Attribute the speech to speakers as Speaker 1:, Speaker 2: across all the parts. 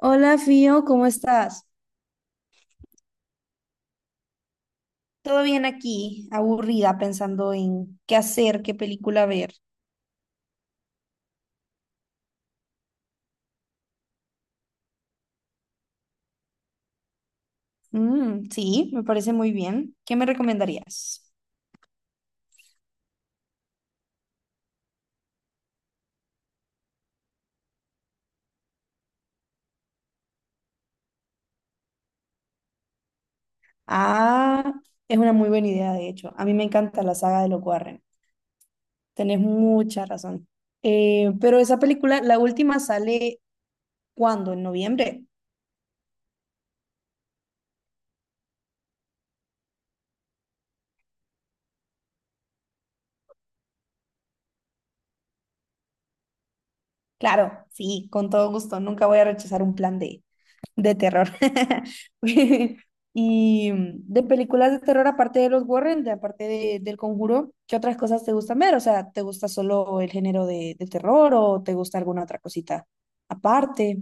Speaker 1: Hola, Fío, ¿cómo estás? Todo bien aquí, aburrida, pensando en qué hacer, qué película ver. Mm, sí, me parece muy bien. ¿Qué me recomendarías? Ah, es una muy buena idea, de hecho. A mí me encanta la saga de los Warren. Tenés mucha razón. Pero esa película, la última, sale ¿cuándo? ¿En noviembre? Claro, sí, con todo gusto. Nunca voy a rechazar un plan D. De terror. Y de películas de terror, aparte de los Warren, aparte del Conjuro, ¿qué otras cosas te gustan ver? O sea, ¿te gusta solo el género de terror o te gusta alguna otra cosita aparte?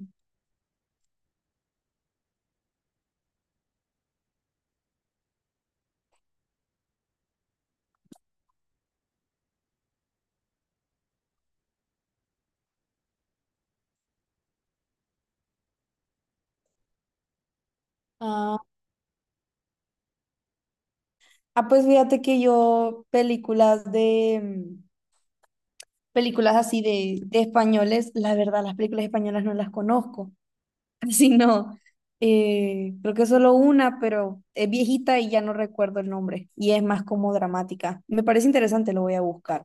Speaker 1: Ah, ah, pues fíjate que yo películas de películas así de españoles, la verdad, las películas españolas no las conozco. Así no. Creo que solo una, pero es viejita y ya no recuerdo el nombre. Y es más como dramática. Me parece interesante, lo voy a buscar.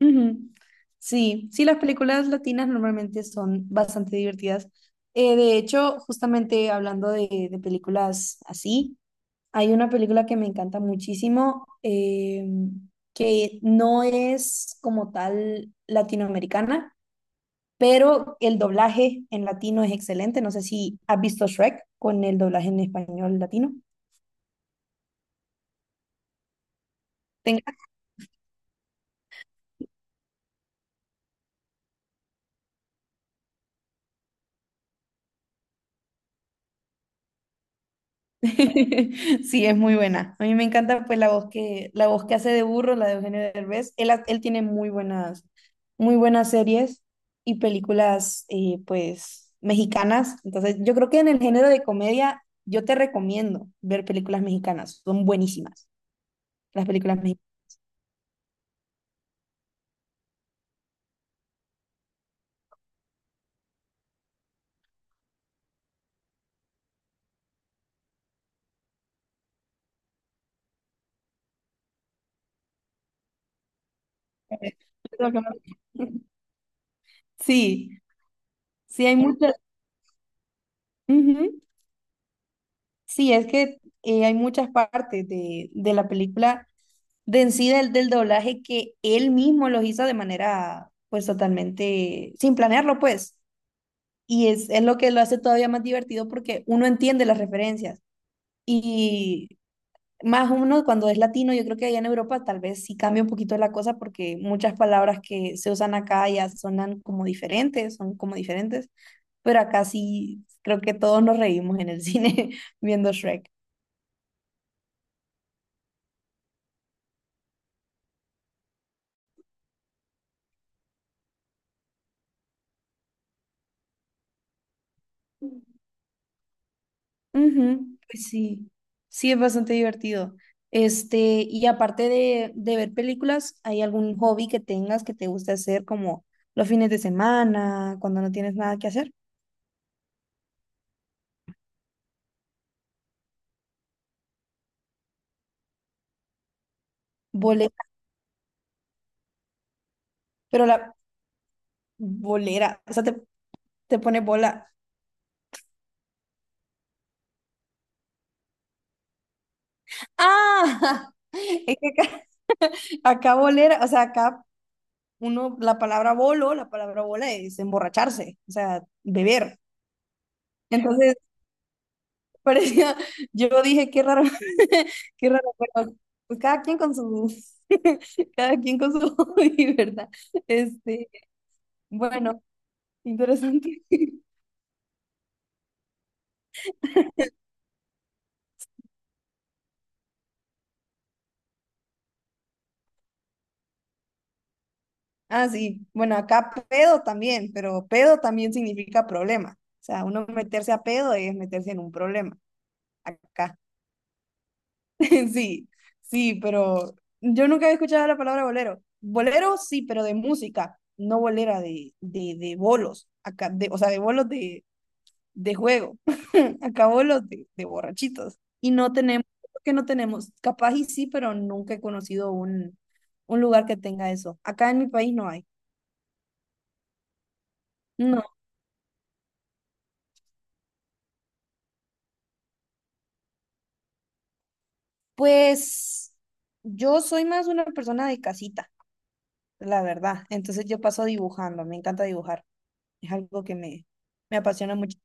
Speaker 1: Ujú. Sí, sí, las películas latinas normalmente son bastante divertidas. De hecho, justamente hablando de películas así, hay una película que me encanta muchísimo, que no es como tal latinoamericana pero el doblaje en latino es excelente. No sé si has visto Shrek con el doblaje en español latino. Tenga- Sí, es muy buena. A mí me encanta pues la voz que hace de burro, la de Eugenio Derbez. Él, él tiene muy buenas series y películas pues mexicanas. Entonces, yo creo que en el género de comedia yo te recomiendo ver películas mexicanas. Son buenísimas las películas mexicanas. Sí, sí hay muchas. Ujú. Sí, es que hay muchas partes de la película de en sí del doblaje que él mismo los hizo de manera pues totalmente sin planearlo pues. Y es lo que lo hace todavía más divertido porque uno entiende las referencias. Y más uno cuando es latino, yo creo que allá en Europa tal vez sí cambia un poquito la cosa porque muchas palabras que se usan acá ya sonan como diferentes, son como diferentes. Pero acá sí creo que todos nos reímos en el cine viendo Shrek. Ujú, pues sí, sí es bastante divertido. Este, y aparte de ver películas, ¿hay algún hobby que tengas que te guste hacer como los fines de semana, cuando no tienes nada que hacer? Bolera, pero la bolera, o sea, te pone bola. ¡Ah! Es que acá, acá bolera, o sea, acá uno, la palabra bolo, la palabra bola es emborracharse, o sea, beber. Entonces, parecía, yo dije, qué raro, qué raro, pero pues cada quien con su, cada quien con su hobby, ¿verdad? Este, bueno, interesante. Ah, sí, bueno, acá pedo también, pero pedo también significa problema. O sea, uno meterse a pedo es meterse en un problema. Acá, sí, sí, pero yo nunca había escuchado la palabra bolero. Bolero sí, pero de música, no bolera de bolos. Acá, de, o sea, de bolos de juego. Acabo los de borrachitos. Y no tenemos, creo que no tenemos, capaz y sí, pero nunca he conocido un lugar que tenga eso. Acá en mi país no hay. No, pues yo soy más una persona de casita, la verdad. Entonces yo paso dibujando, me encanta dibujar. Es algo me apasiona mucho.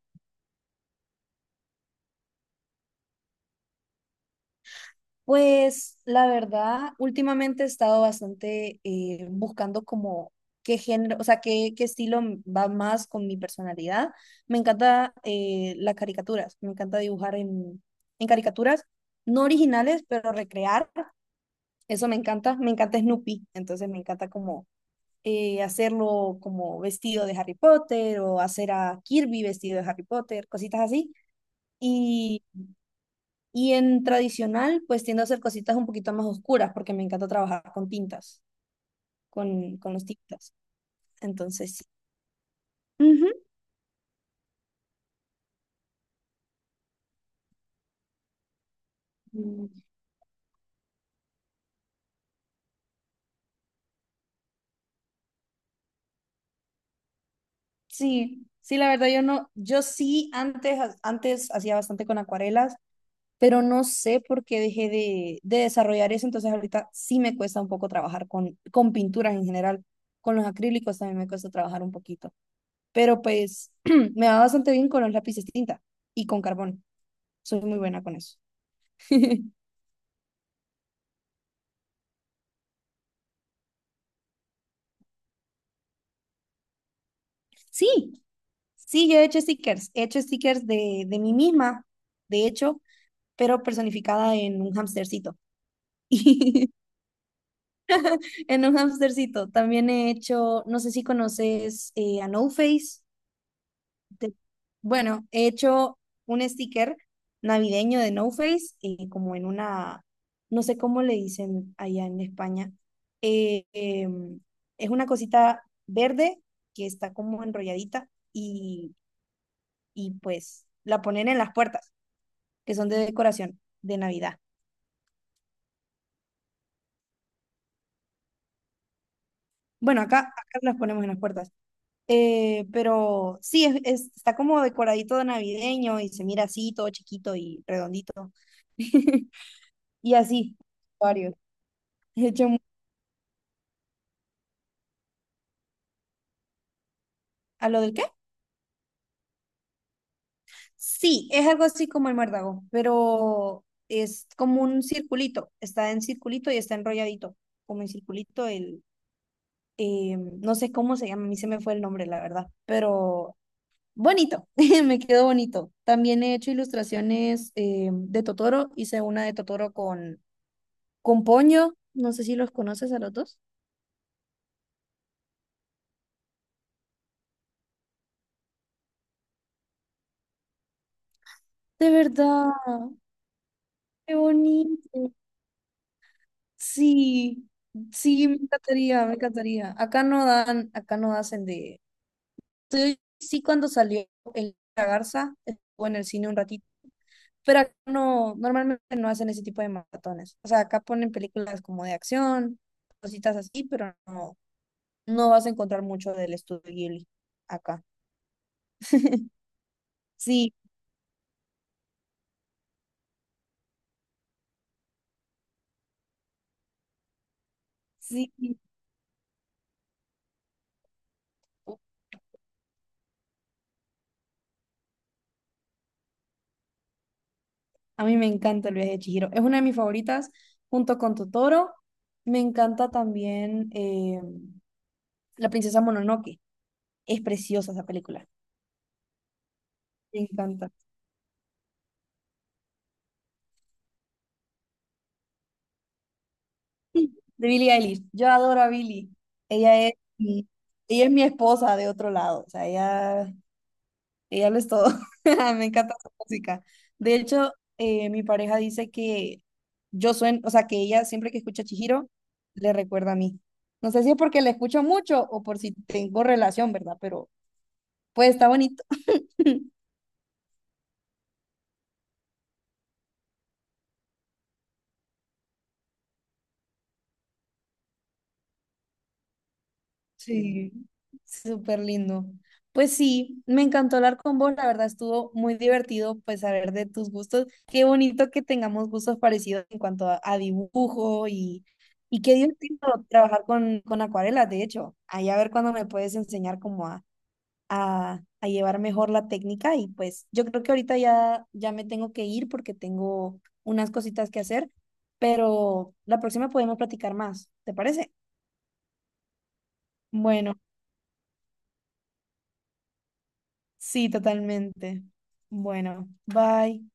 Speaker 1: Pues la verdad, últimamente he estado bastante buscando como qué género, o sea, qué estilo va más con mi personalidad. Me encanta las caricaturas, me encanta dibujar en caricaturas, no originales, pero recrear, eso me encanta Snoopy, entonces me encanta como hacerlo como vestido de Harry Potter o hacer a Kirby vestido de Harry Potter, cositas así. Y en tradicional, pues tiendo a hacer cositas un poquito más oscuras porque me encanta trabajar con tintas, con los tintas. Entonces, sí. Ujú. Mm, sí, sí, la verdad yo no, yo sí antes, antes hacía bastante con acuarelas, pero no sé por qué dejé de desarrollar eso, entonces ahorita sí me cuesta un poco trabajar con pinturas en general, con los acrílicos también me cuesta trabajar un poquito, pero pues me va bastante bien con los lápices tinta y con carbón, soy muy buena con eso. Sí, sí, yo he hecho stickers de mí misma, de hecho, pero personificada en un hamstercito. Y en un hamstercito también he hecho, no sé si conoces a No Face. de- bueno, he hecho un sticker navideño de No Face, como en una, no sé cómo le dicen allá en España. Eh, em, es una cosita verde que está como enrolladita y pues la ponen en las puertas, que son de decoración de Navidad. Bueno, acá, acá las ponemos en las puertas. Pero sí, está como decoradito de navideño y se mira así, todo chiquito y redondito. Y así, varios. De hecho, ¿a lo del qué? Sí, es algo así como el muérdago, pero es como un circulito. Está en circulito y está enrolladito, como en circulito el... no sé cómo se llama, a mí se me fue el nombre, la verdad, pero bonito, me quedó bonito. También he hecho ilustraciones de Totoro. Hice una de Totoro con Ponyo. No sé si los conoces a los dos. De verdad, qué bonito. Sí, sí, me encantaría, me encantaría. Acá no dan, acá no hacen de... Sí, sí, cuando salió el La Garza, estuvo en el cine un ratito, pero acá no, normalmente no hacen ese tipo de maratones. O sea, acá ponen películas como de acción, cositas así, pero no, no vas a encontrar mucho del estudio Ghibli acá. Sí, sí. A mí me encanta el viaje de Chihiro. Es una de mis favoritas, junto con Totoro. Me encanta también La princesa Mononoke. Es preciosa esa película. Me encanta. Sí, de Billie Eilish. Yo adoro a Billie. Ella es, ella es mi esposa de otro lado. O sea, ella y ya lo es todo. Me encanta su música. De hecho, mi pareja dice que yo sueno, o sea, que ella siempre que escucha a Chihiro, le recuerda a mí. No sé si es porque la escucho mucho o por si tengo relación, ¿verdad? Pero pues está bonito. Sí, súper lindo. Pues sí, me encantó hablar con vos, la verdad estuvo muy divertido pues saber de tus gustos. Qué bonito que tengamos gustos parecidos en cuanto a dibujo y qué divertido trabajar con acuarelas, de hecho. Ahí a ver cuándo me puedes enseñar cómo a llevar mejor la técnica y pues yo creo que ahorita ya me tengo que ir porque tengo unas cositas que hacer, pero la próxima podemos platicar más, ¿te parece? Bueno. Sí, totalmente. Bueno, bye.